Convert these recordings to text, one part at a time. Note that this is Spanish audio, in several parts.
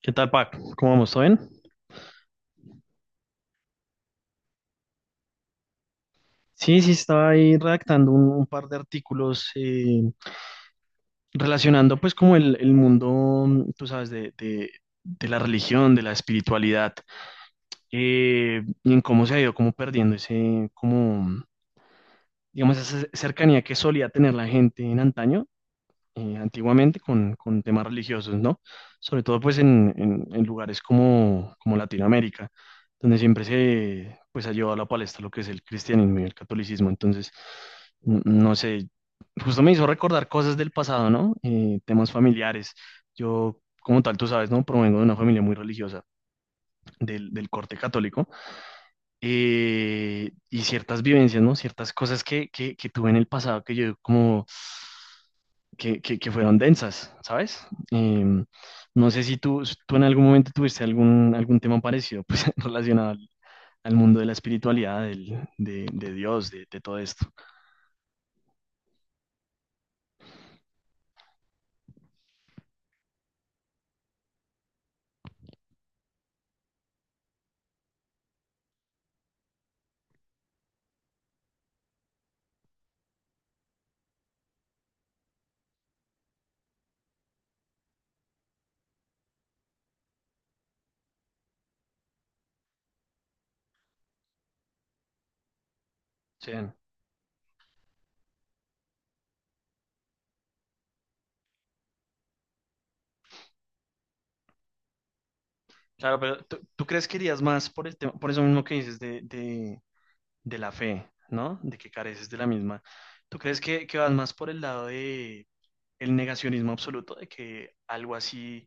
¿Qué tal, Pac? ¿Cómo vamos? ¿Todo bien? Sí, sí, estaba ahí redactando un par de artículos relacionando pues como el mundo, mm, tú sabes, de la religión, de la espiritualidad, y en cómo se ha ido como perdiendo ese, como, digamos, esa cercanía que solía tener la gente en antaño, antiguamente con temas religiosos, ¿no? Sobre todo pues en, en lugares como, como Latinoamérica, donde siempre se pues ha llevado a la palestra lo que es el cristianismo y el catolicismo. Entonces, no sé, justo me hizo recordar cosas del pasado, ¿no? Temas familiares. Yo, como tal, tú sabes, ¿no? Provengo de una familia muy religiosa, del corte católico, y ciertas vivencias, ¿no? Ciertas cosas que tuve en el pasado que yo como que fueron densas, ¿sabes? Em, no sé si tú, tú en algún momento tuviste algún, algún tema parecido, pues relacionado al, al mundo de la espiritualidad, de Dios, de todo esto. Sí. Claro, pero tú crees que irías más por el tema, por eso mismo que dices de la fe, ¿no? De que careces de la misma. ¿Tú crees que vas más por el lado de el negacionismo absoluto, de que algo así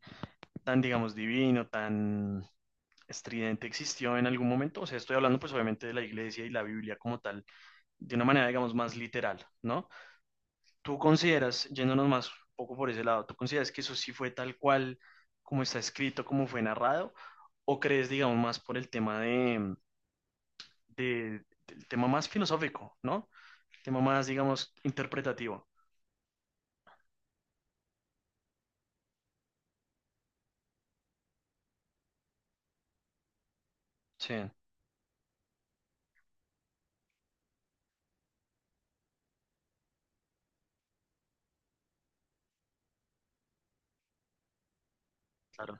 tan, digamos, divino, tan estridente existió en algún momento? O sea, estoy hablando pues obviamente de la iglesia y la Biblia como tal, de una manera, digamos, más literal, ¿no? ¿Tú consideras, yéndonos más un poco por ese lado, tú consideras que eso sí fue tal cual como está escrito, como fue narrado? ¿O crees, digamos, más por el tema de, del tema más filosófico, ¿no? El tema más, digamos, interpretativo. Sí, claro.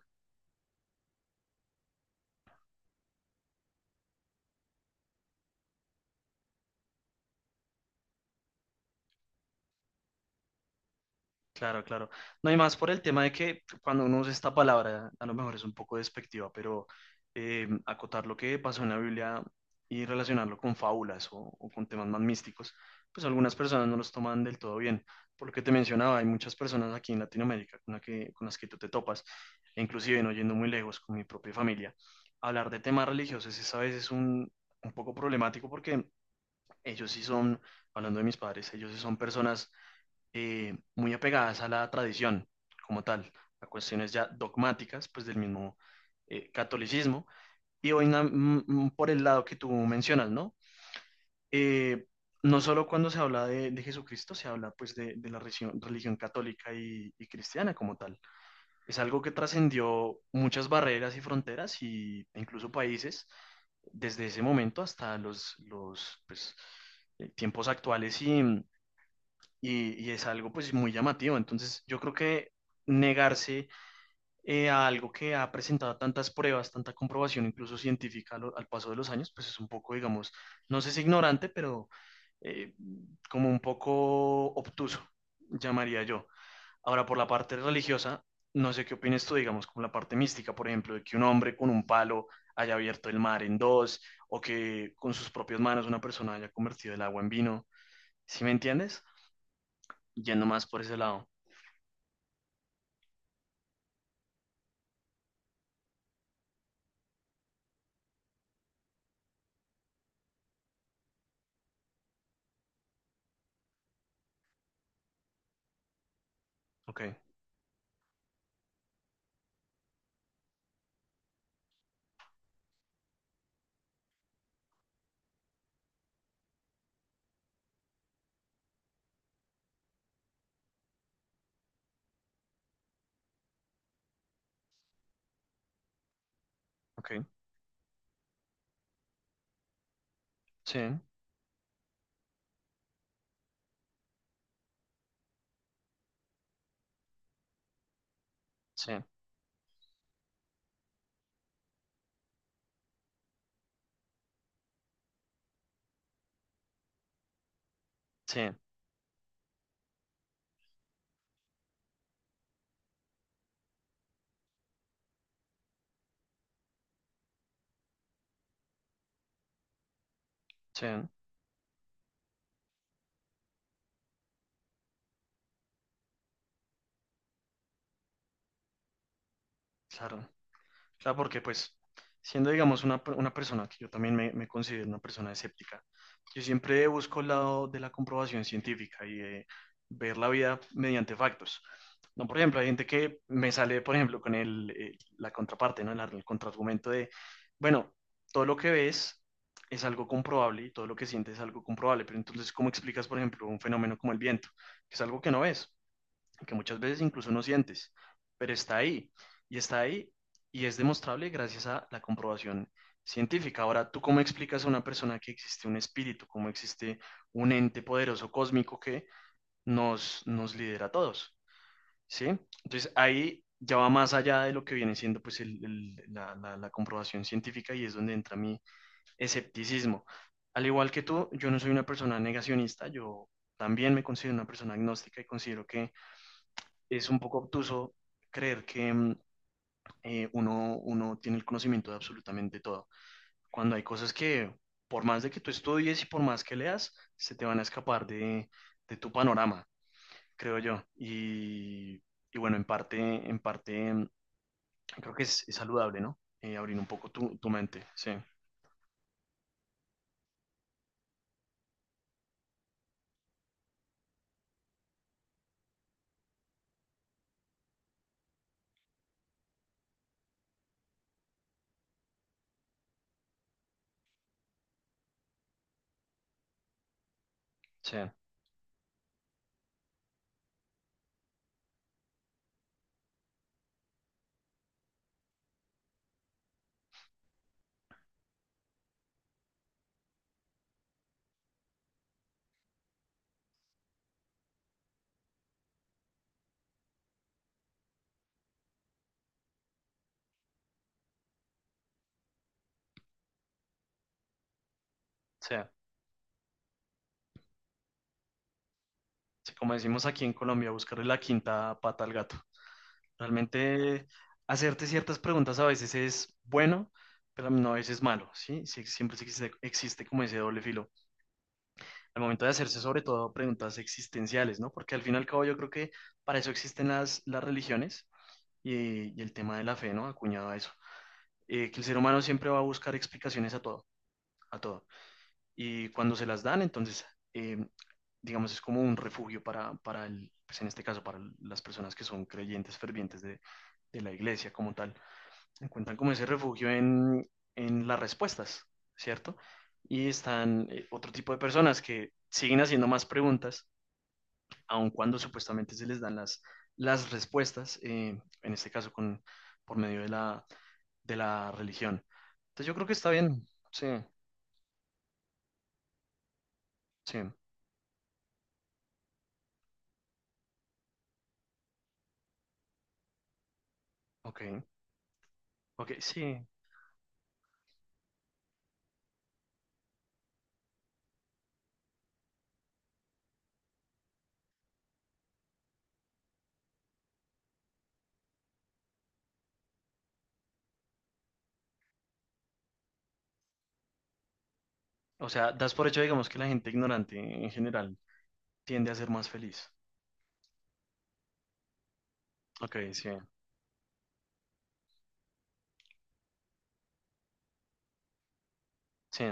Claro, claro. No hay más por el tema de que cuando uno usa esta palabra, a lo mejor es un poco despectiva, pero acotar lo que pasó en la Biblia y relacionarlo con fábulas o con temas más místicos, pues algunas personas no los toman del todo bien. Por lo que te mencionaba, hay muchas personas aquí en Latinoamérica con, con las que tú te topas, e inclusive no yendo muy lejos con mi propia familia. Hablar de temas religiosos es a veces un poco problemático porque ellos sí son, hablando de mis padres, ellos sí son personas muy apegadas a la tradición como tal, a cuestiones ya dogmáticas, pues del mismo, catolicismo. Y hoy por el lado que tú mencionas, ¿no? Eh, no solo cuando se habla de Jesucristo, se habla pues de la religión, religión católica y cristiana como tal. Es algo que trascendió muchas barreras y fronteras y, e incluso países desde ese momento hasta los pues, tiempos actuales y es algo pues muy llamativo. Entonces yo creo que negarse, a algo que ha presentado tantas pruebas, tanta comprobación incluso científica al, al paso de los años, pues es un poco, digamos, no sé si ignorante, pero eh, como un poco obtuso, llamaría yo. Ahora, por la parte religiosa, no sé qué opinas tú, digamos, con la parte mística, por ejemplo, de que un hombre con un palo haya abierto el mar en dos, o que con sus propias manos una persona haya convertido el agua en vino. ¿Sí me entiendes? Yendo más por ese lado. Ok, ok. Sí, sí, sí, sí, claro. Claro, porque pues, siendo, digamos, una, una persona que yo también me considero una persona escéptica, yo siempre busco el lado de la comprobación científica y de ver la vida mediante factos. No, por ejemplo, hay gente que me sale, por ejemplo, con el, la contraparte, ¿no? El, el contraargumento de, bueno, todo lo que ves es algo comprobable y todo lo que sientes es algo comprobable, pero entonces, ¿cómo explicas, por ejemplo, un fenómeno como el viento? Que es algo que no ves, que muchas veces incluso no sientes, pero está ahí, y está ahí, y es demostrable gracias a la comprobación científica. Ahora, ¿tú cómo explicas a una persona que existe un espíritu, cómo existe un ente poderoso cósmico que nos, nos lidera a todos? ¿Sí? Entonces ahí ya va más allá de lo que viene siendo pues la, la comprobación científica, y es donde entra mi escepticismo. Al igual que tú, yo no soy una persona negacionista, yo también me considero una persona agnóstica y considero que es un poco obtuso creer que, uno, uno tiene el conocimiento de absolutamente todo, cuando hay cosas que por más de que tú estudies y por más que leas, se te van a escapar de tu panorama, creo yo. Y bueno, en parte, en parte, creo que es saludable, ¿no? Abrir un poco tu, tu mente, sí, sí, sí. Sí, como decimos aquí en Colombia, buscarle la quinta pata al gato. Realmente hacerte ciertas preguntas a veces es bueno, pero no a veces es malo, ¿sí? Sí, siempre existe, existe como ese doble filo. Al momento de hacerse sobre todo preguntas existenciales, ¿no? Porque al fin y al cabo yo creo que para eso existen las religiones y el tema de la fe, ¿no? Acuñado a eso. Que el ser humano siempre va a buscar explicaciones a todo, a todo. Y cuando se las dan, entonces, eh, digamos, es como un refugio para el, pues en este caso, para las personas que son creyentes fervientes de la iglesia como tal. Encuentran como ese refugio en las respuestas, ¿cierto? Y están, otro tipo de personas que siguen haciendo más preguntas, aun cuando supuestamente se les dan las respuestas, en este caso con, por medio de la religión. Entonces yo creo que está bien, sí, sí, ok, ok, sí. O sea, das por hecho, digamos, que la gente ignorante en general tiende a ser más feliz. Ok, sí, sí,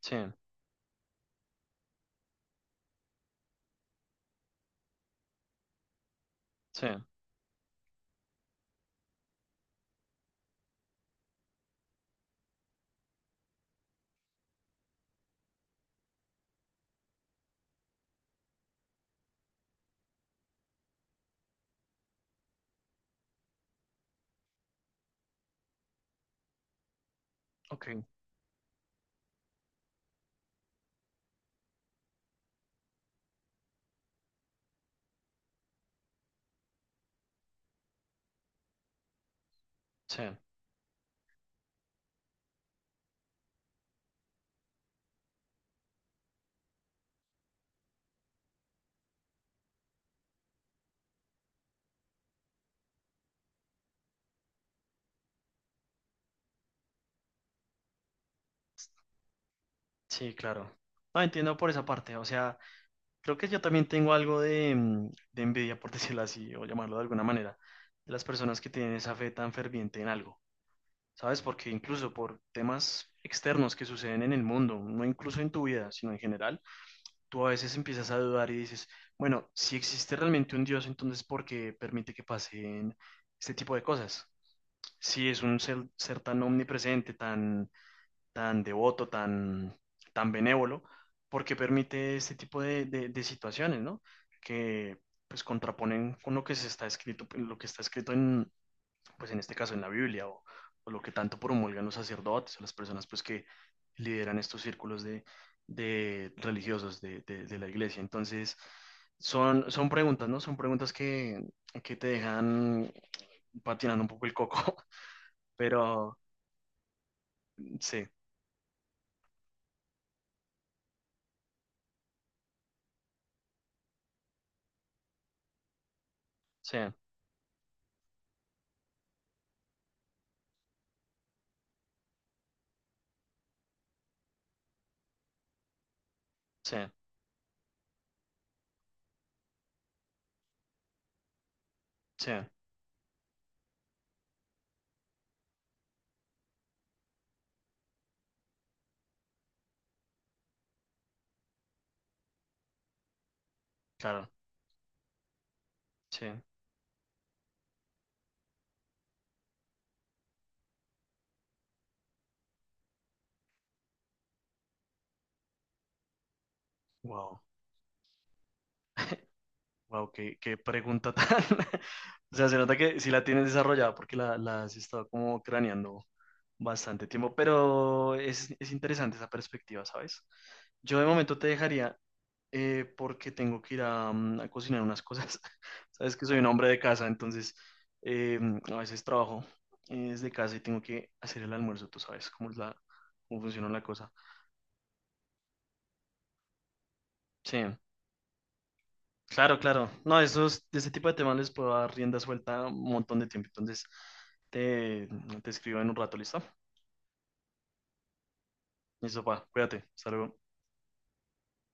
sí, sí, ok, sí. Sí, claro. No, entiendo por esa parte. O sea, creo que yo también tengo algo de, de envidia, por decirlo así, o llamarlo de alguna manera, de las personas que tienen esa fe tan ferviente en algo, ¿sabes? Porque incluso por temas externos que suceden en el mundo, no incluso en tu vida, sino en general, tú a veces empiezas a dudar y dices, bueno, si existe realmente un Dios, entonces ¿por qué permite que pasen este tipo de cosas? Si es un ser, ser tan omnipresente, tan tan devoto, tan, tan benévolo, porque permite este tipo de, de situaciones, ¿no? Que pues contraponen con lo que se está escrito, lo que está escrito en, pues en este caso en la Biblia, o lo que tanto promulgan los sacerdotes, o las personas pues que lideran estos círculos de religiosos de, de la iglesia. Entonces, son, son preguntas, ¿no? Son preguntas que te dejan patinando un poco el coco, pero sí, sí, sí, sí, claro. Sí, wow, wow, qué, qué pregunta tan. O sea, se nota que sí la tienes desarrollada porque la has estado como craneando bastante tiempo, pero es interesante esa perspectiva, ¿sabes? Yo de momento te dejaría, porque tengo que ir a, a cocinar unas cosas. Sabes que soy un hombre de casa, entonces eh, a veces trabajo, desde casa y tengo que hacer el almuerzo, tú sabes cómo es la, cómo funciona la cosa. Sí, claro, claro. No, esos, de ese tipo de temas les puedo dar rienda suelta un montón de tiempo. Entonces, te, te escribo en un rato, ¿listo? Listo, pa, cuídate. Hasta luego.